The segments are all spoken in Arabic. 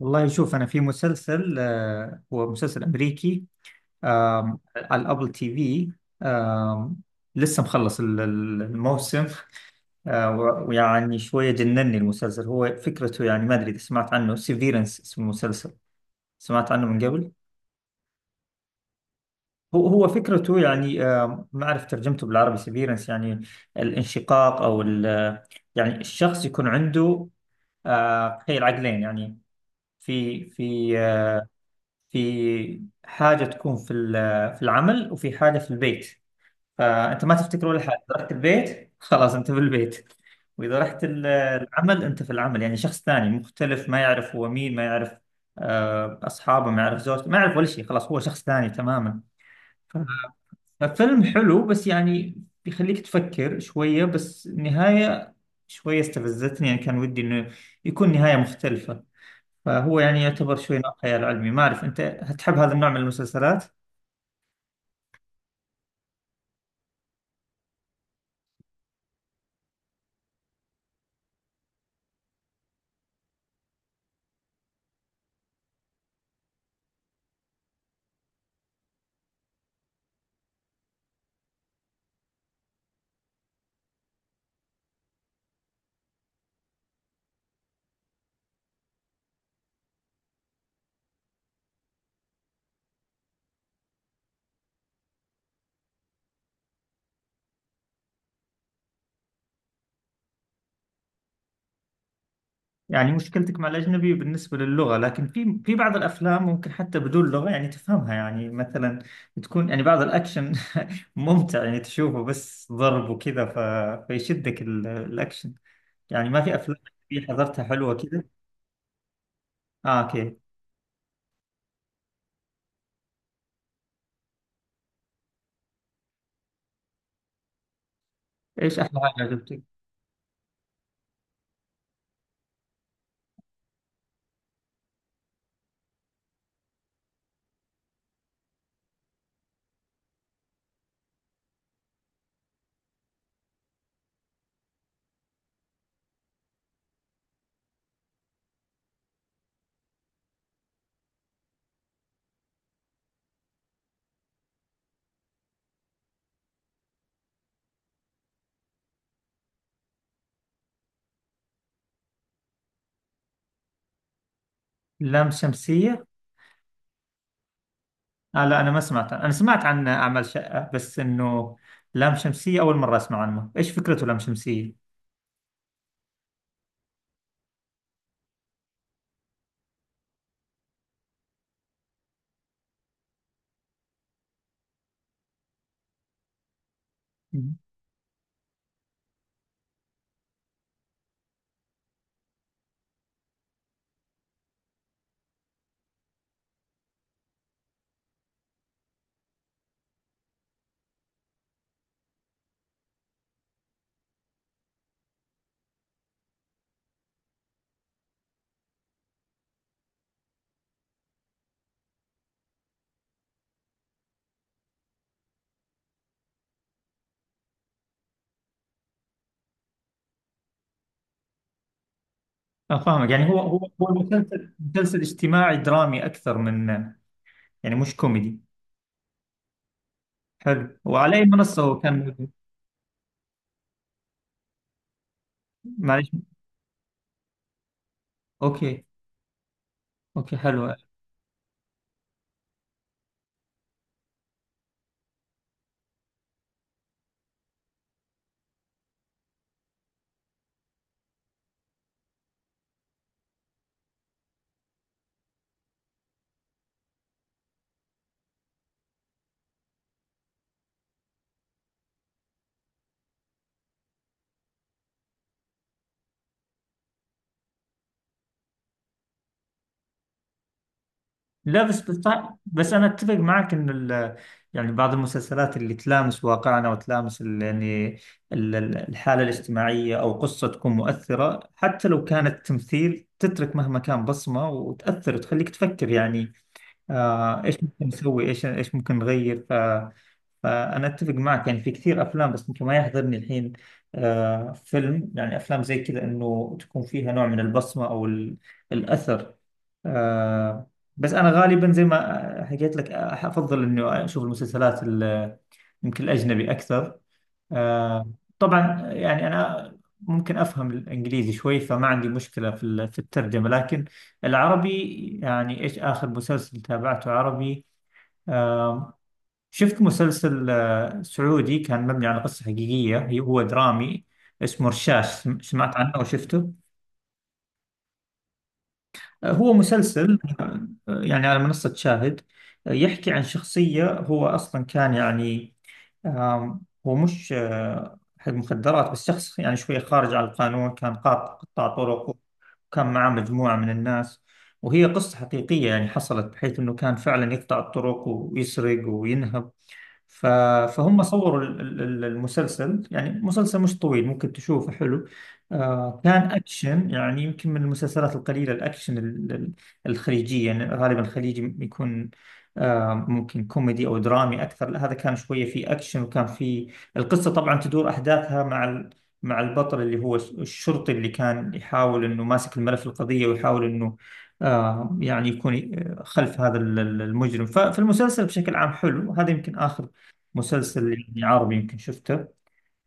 والله شوف انا في مسلسل هو مسلسل امريكي. على الابل تي في. آم، لسه مخلص الموسم آه، و- ويعني شويه جنني المسلسل، هو فكرته يعني ما ادري اذا سمعت عنه، سيفيرنس اسم المسلسل. سمعت عنه من قبل. هو فكرته يعني ما اعرف ترجمته بالعربي، سيفيرنس يعني الانشقاق يعني الشخص يكون عنده تخيل عقلين يعني. في في آه، في حاجة تكون في العمل وفي حاجة في البيت، فأنت ما تفتكر ولا حاجة، إذا رحت البيت خلاص أنت في البيت، وإذا رحت العمل أنت في العمل، يعني شخص ثاني مختلف، ما يعرف هو مين، ما يعرف أصحابه، ما يعرف زوجته، ما يعرف ولا شيء، خلاص هو شخص ثاني تماما. ففيلم حلو بس يعني بيخليك تفكر شوية، بس النهاية شوية استفزتني، يعني كان ودي إنه يكون نهاية مختلفة. فهو يعني يعتبر شوي نوع خيال علمي، ما أعرف أنت هتحب هذا النوع من المسلسلات. يعني مشكلتك مع الأجنبي بالنسبة للغة، لكن في في بعض الأفلام ممكن حتى بدون لغة يعني تفهمها، يعني مثلا تكون يعني بعض الأكشن ممتع، يعني تشوفه بس ضرب وكذا فيشدك الأكشن. يعني ما في أفلام أجنبية حضرتها حلوة كذا. آه أوكي. إيش أحلى حاجة عجبتك؟ لام شمسية؟ آه لا، أنا ما سمعت عنه. أنا سمعت عن أعمال شقة بس إنه لام شمسية أول مرة أسمع عنه، إيش فكرته لام شمسية؟ فاهمك، يعني هو مسلسل اجتماعي درامي أكثر من يعني مش كوميدي. حلو، وعلى أي منصة هو كان موجود؟ معلش. أوكي. أوكي حلو. لا بس طيب، بس أنا أتفق معك إن يعني بعض المسلسلات اللي تلامس واقعنا وتلامس ال، يعني الحالة الاجتماعية أو قصة تكون مؤثرة حتى لو كانت تمثيل، تترك مهما كان بصمة وتأثر وتخليك تفكر، يعني آه إيش ممكن نسوي، إيش ممكن نغير. فأنا أتفق معك يعني في كثير أفلام، بس ممكن ما يحضرني الحين فيلم، يعني أفلام زي كذا إنه تكون فيها نوع من البصمة أو الأثر. آه. بس أنا غالبا زي ما حكيت لك أفضل إنه أشوف المسلسلات، يمكن الأجنبي أكثر. آه طبعا يعني أنا ممكن أفهم الإنجليزي شوي، فما عندي مشكلة في الترجمة، لكن العربي يعني إيش آخر مسلسل تابعته عربي؟ آه، شفت مسلسل سعودي كان مبني على قصة حقيقية، هو درامي اسمه رشاش، سمعت عنه أو شفته؟ هو مسلسل يعني على منصة شاهد. يحكي عن شخصية هو أصلا كان يعني آم، هو مش حق مخدرات، بس شخص يعني شوية خارج على القانون، كان قطاع طرق وكان معاه مجموعة من الناس، وهي قصة حقيقية يعني حصلت، بحيث أنه كان فعلا يقطع الطرق ويسرق وينهب. ف- فهم صوروا المسلسل، يعني مسلسل مش طويل ممكن تشوفه حلو. آه كان أكشن، يعني يمكن من المسلسلات القليلة الأكشن الخليجية، يعني غالبا الخليجي يكون آه ممكن كوميدي أو درامي أكثر. لا، هذا كان شوية فيه أكشن وكان فيه القصة، طبعا تدور أحداثها مع مع البطل اللي هو الشرطي اللي كان يحاول انه ماسك الملف القضية، ويحاول انه آه يعني يكون خلف هذا المجرم. ففي المسلسل بشكل عام حلو، هذا يمكن آخر مسلسل يعني عربي يمكن شفته.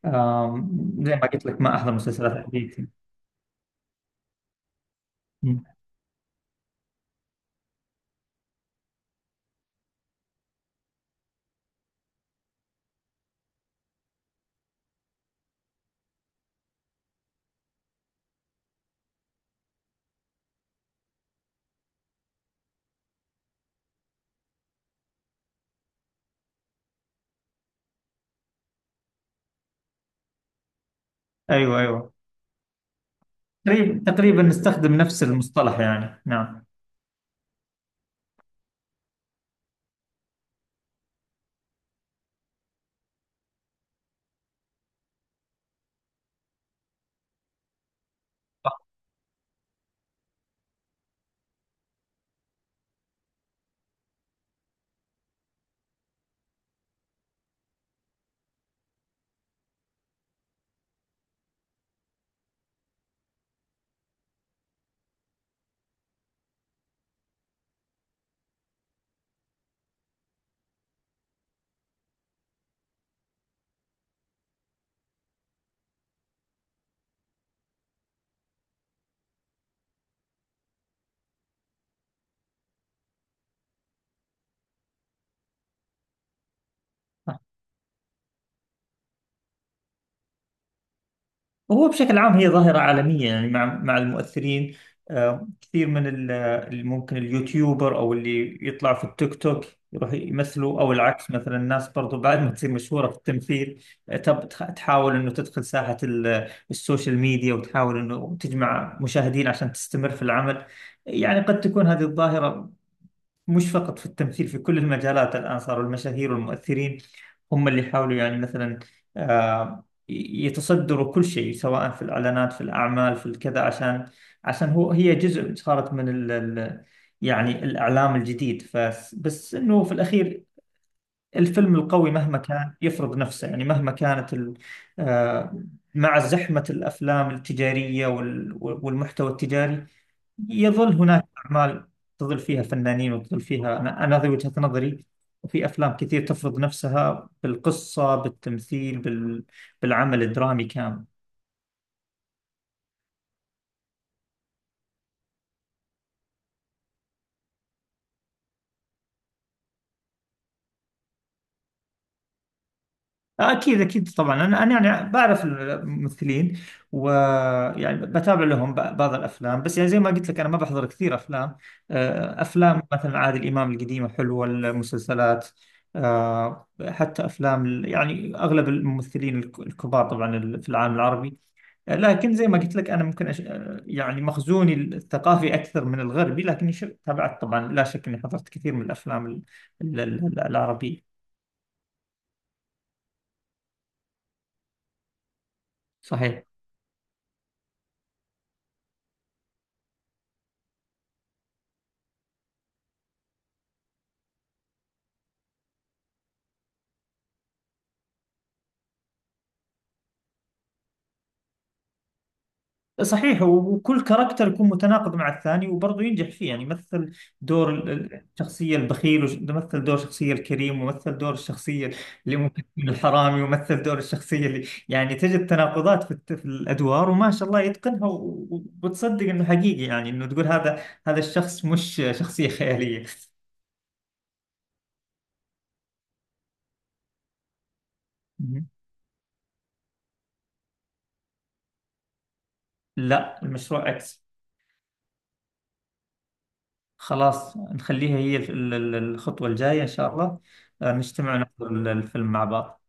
آم، زي ما قلت لك ما أحضر مسلسلات حديثة. أمم. أيوه أيوه، تقريبا تقريبا نستخدم نفس المصطلح يعني نعم. هو بشكل عام هي ظاهرة عالمية، يعني مع المؤثرين كثير من ممكن اليوتيوبر أو اللي يطلع في التيك توك يروح يمثلوا، أو العكس مثلا الناس برضو بعد ما تصير مشهورة في التمثيل تحاول إنه تدخل ساحة السوشيال ميديا وتحاول إنه تجمع مشاهدين عشان تستمر في العمل. يعني قد تكون هذه الظاهرة مش فقط في التمثيل، في كل المجالات الآن صاروا المشاهير والمؤثرين هم اللي يحاولوا، يعني مثلا يتصدروا كل شيء سواء في الإعلانات في الأعمال في الكذا، عشان هو هي جزء صارت من ال ال يعني الإعلام الجديد. بس إنه في الأخير الفيلم القوي مهما كان يفرض نفسه، يعني مهما كانت ال آه، مع زحمة الأفلام التجارية والمحتوى التجاري، يظل هناك أعمال تظل فيها فنانين وتظل فيها، أنا هذه وجهة نظري. وفي أفلام كثير تفرض نفسها بالقصة بالتمثيل بالعمل الدرامي كامل. أكيد أكيد طبعا، أنا يعني بعرف الممثلين ويعني بتابع لهم بعض الأفلام، بس يعني زي ما قلت لك أنا ما بحضر كثير أفلام. أفلام مثلا عادل إمام القديمة حلوة، المسلسلات حتى أفلام يعني أغلب الممثلين الكبار طبعا في العالم العربي، يعني لكن زي ما قلت لك أنا ممكن يعني مخزوني الثقافي أكثر من الغربي، لكني تابعت طبعا، لا شك أني حضرت كثير من الأفلام العربية. صحيح. صحيح، وكل كاركتر يكون متناقض مع الثاني وبرضه ينجح فيه، يعني مثل دور الشخصية البخيل، ومثل دور الشخصية الكريم، ومثل دور الشخصية اللي ممكن تكون الحرامي، ومثل دور الشخصية اللي يعني تجد تناقضات في، في الأدوار وما شاء الله يتقنها وبتصدق إنه حقيقي، يعني إنه تقول هذا الشخص مش شخصية خيالية. مهم. لا، المشروع إكس. خلاص نخليها هي الخطوة الجاية إن شاء الله، نجتمع نحضر الفيلم مع بعض.